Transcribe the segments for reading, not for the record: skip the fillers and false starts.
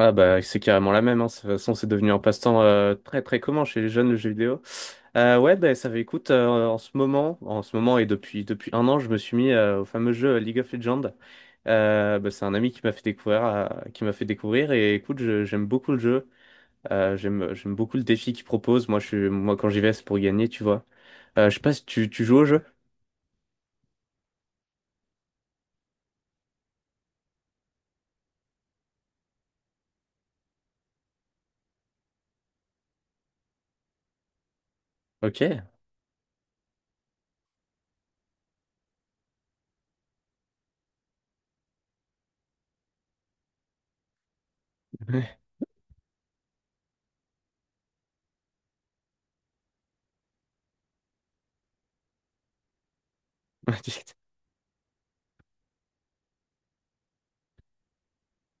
Ah bah, c'est carrément la même, hein. De toute façon, c'est devenu un passe-temps très très commun chez les jeunes, le jeu vidéo. Ouais, bah ça fait, écoute, en ce moment, et depuis un an je me suis mis, au fameux jeu, League of Legends. Bah, c'est un ami qui m'a fait découvrir, et écoute, j'aime beaucoup le jeu. J'aime beaucoup le défi qu'il propose. Moi je suis Moi quand j'y vais, c'est pour gagner, tu vois. Je sais pas si tu joues au jeu. Ok.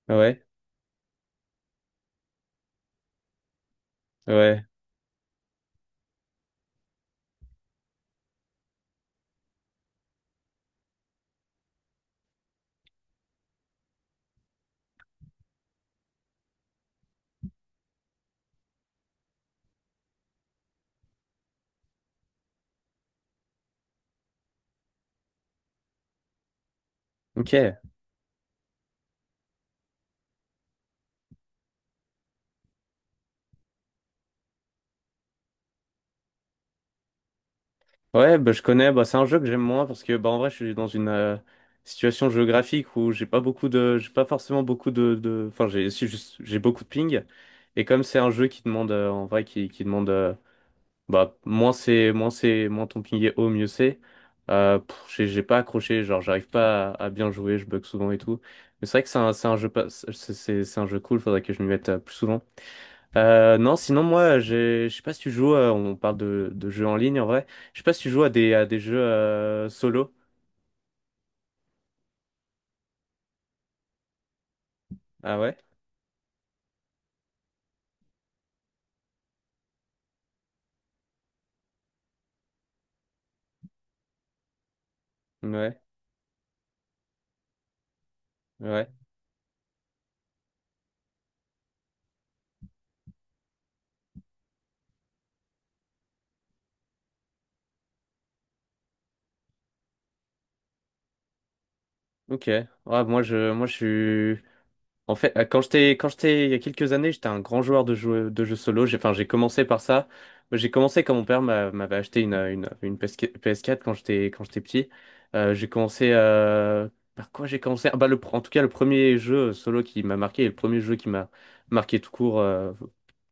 Ouais. Ouais. Ouais. Ok. Ouais, bah je connais. Bah, c'est un jeu que j'aime moins parce que bah, en vrai, je suis dans une, situation géographique où j'ai pas forcément beaucoup de, enfin j'ai si, j'ai beaucoup de ping, et comme c'est un jeu qui demande, en vrai, qui demande, bah moins ton ping est haut, mieux c'est. Euh, pff, j'ai j'ai pas accroché, genre j'arrive pas à, bien jouer, je bug souvent et tout. Mais c'est vrai que c'est un jeu pas c'est c'est un jeu cool, faudrait que je m'y mette plus souvent. Non, sinon moi, je sais pas si tu joues, on parle de, jeux en ligne en vrai, je sais pas si tu joues à des, jeux, solo. Ah ouais? Ouais, ouais, ok. Ouais, moi je suis... En fait, quand j'étais, il y a quelques années, j'étais un grand joueur de jeux, solo. Enfin, j'ai commencé par ça. J'ai commencé quand mon père m'avait acheté une, une PS4 quand j'étais, petit. Euh, j'ai commencé, euh, Par quoi j'ai commencé? Ah bah, en tout cas, le premier jeu solo qui m'a marqué et le premier jeu qui m'a marqué tout court, euh,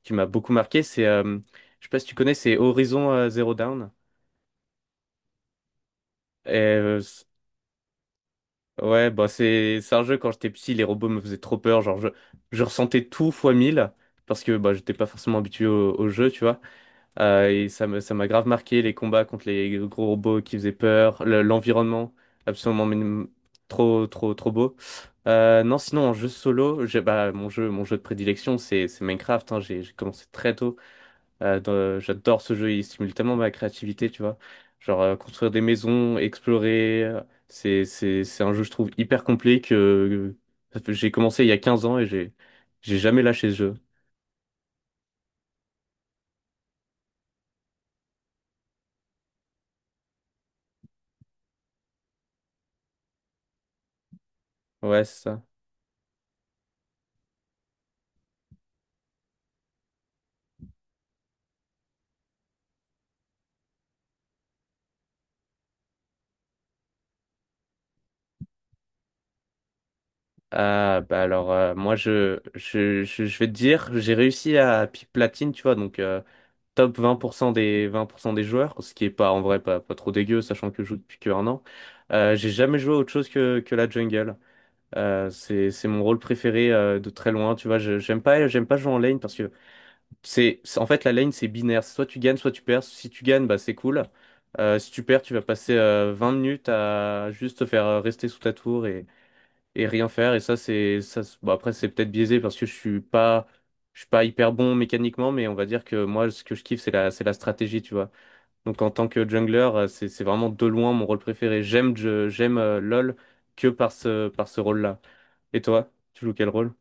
qui m'a beaucoup marqué, c'est, je sais pas si tu connais, c'est Horizon Zero Dawn. Ouais, bah c'est un jeu, quand j'étais petit, les robots me faisaient trop peur, genre je... Je ressentais tout fois 1000 parce que bah j'étais pas forcément habitué au, jeu, tu vois. Et ça m'a grave marqué, les combats contre les gros robots qui faisaient peur, l'environnement absolument trop trop trop beau. Non, sinon en jeu solo, j'ai bah mon jeu de prédilection, c'est Minecraft, hein, j'ai commencé très tôt. J'adore ce jeu, il stimule tellement ma créativité, tu vois. Genre, construire des maisons, explorer, c'est un jeu je trouve hyper complet. J'ai commencé il y a 15 ans et j'ai jamais lâché ce jeu. Ouais, c'est ça. Ah bah alors, moi je vais te dire, j'ai réussi à pic platine, tu vois, donc, top 20%, des joueurs, ce qui est, pas en vrai, pas trop dégueu sachant que je joue depuis que un an. J'ai jamais joué à autre chose que la jungle. C'est mon rôle préféré, de très loin, tu vois. J'aime pas jouer en lane, parce que en fait la lane c'est binaire. Soit tu gagnes, soit tu perds. Si tu gagnes, bah c'est cool. Si tu perds, tu vas passer, 20 minutes à juste te faire, rester sous ta tour et rien faire. Et ça c'est ça. Bon, après, c'est peut-être biaisé parce que je suis pas hyper bon mécaniquement, mais on va dire que moi, ce que je kiffe, c'est la stratégie, tu vois. Donc, en tant que jungler, c'est vraiment de loin mon rôle préféré. J'aime LoL que par ce rôle-là. Et toi, tu joues quel rôle?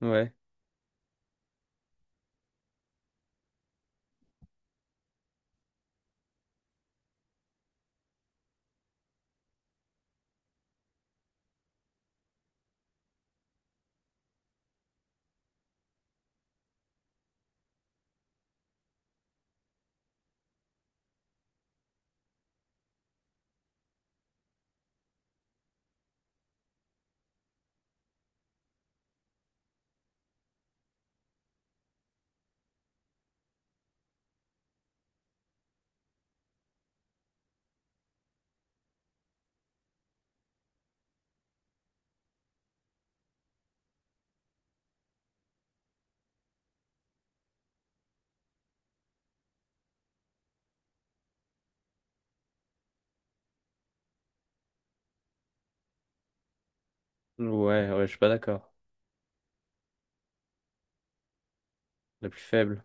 Ouais. Ouais, ouais, je suis pas d'accord. La plus faible.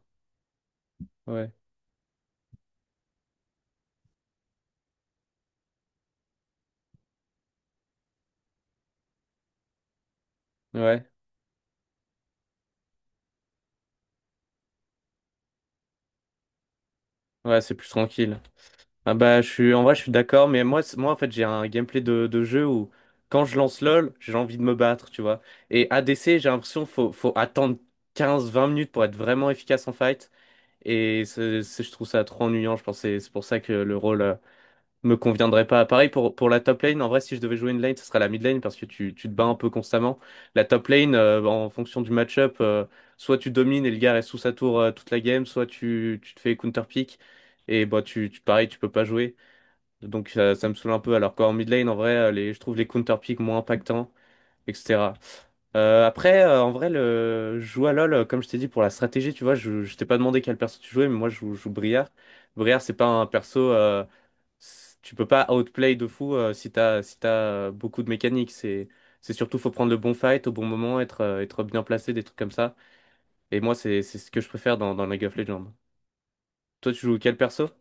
Ouais. Ouais. Ouais, c'est plus tranquille. Ah bah, je suis en vrai je suis d'accord, mais moi, en fait j'ai un gameplay de, jeu où, quand je lance LOL, j'ai envie de me battre, tu vois. Et ADC, j'ai l'impression qu'il faut attendre 15 20 minutes pour être vraiment efficace en fight. Et je trouve ça trop ennuyant. Je pense que c'est pour ça que le rôle me conviendrait pas. Pareil pour, la top lane, en vrai, si je devais jouer une lane, ce serait la mid lane parce que tu te bats un peu constamment. La top lane, en fonction du match-up, soit tu domines et le gars reste sous sa tour, toute la game, soit tu te fais counter pick, et bah, pareil, tu peux pas jouer. Donc ça me saoule un peu. Alors qu'en mid lane, en vrai, je trouve les counter pick moins impactants, etc. Après, en vrai, je joue à LoL, comme je t'ai dit, pour la stratégie, tu vois. Je t'ai pas demandé quel perso tu jouais, mais moi, je joue Briar. Briar, c'est pas un perso. Tu peux pas outplay de fou, si t'as si t'as, beaucoup de mécaniques. C'est surtout, faut prendre le bon fight au bon moment, être bien placé, des trucs comme ça. Et moi, c'est ce que je préfère dans League of Legends. Toi, tu joues quel perso?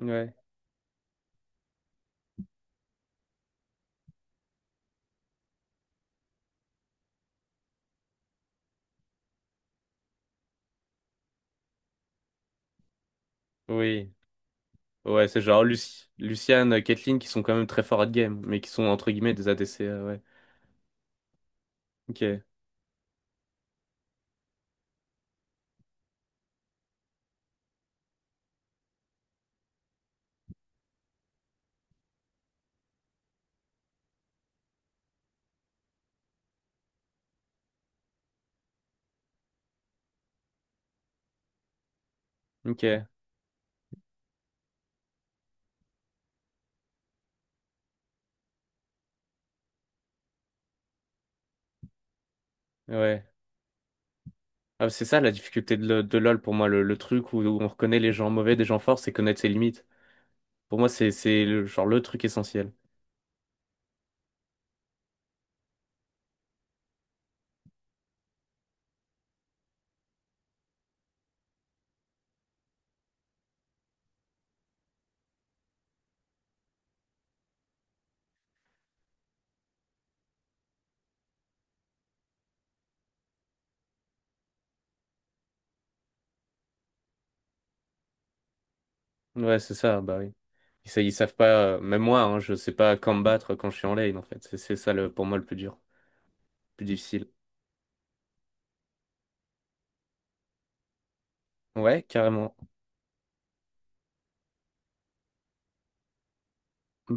Ouais. Oui. Ouais, c'est genre Lucian, Caitlyn, qui sont quand même très forts à game, mais qui sont, entre guillemets, des ADC. Ouais. Ok. Ok. Ouais. Ah, c'est ça la difficulté de, LoL pour moi, le truc où, on reconnaît les gens mauvais des gens forts, c'est connaître ses limites. Pour moi, c'est genre le truc essentiel. Ouais, c'est ça, bah oui. Ils savent pas, même moi, hein, je sais pas combattre quand je suis en lane, en fait. C'est ça le, pour moi, le plus dur. Plus difficile. Ouais, carrément.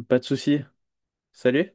Pas de souci. Salut.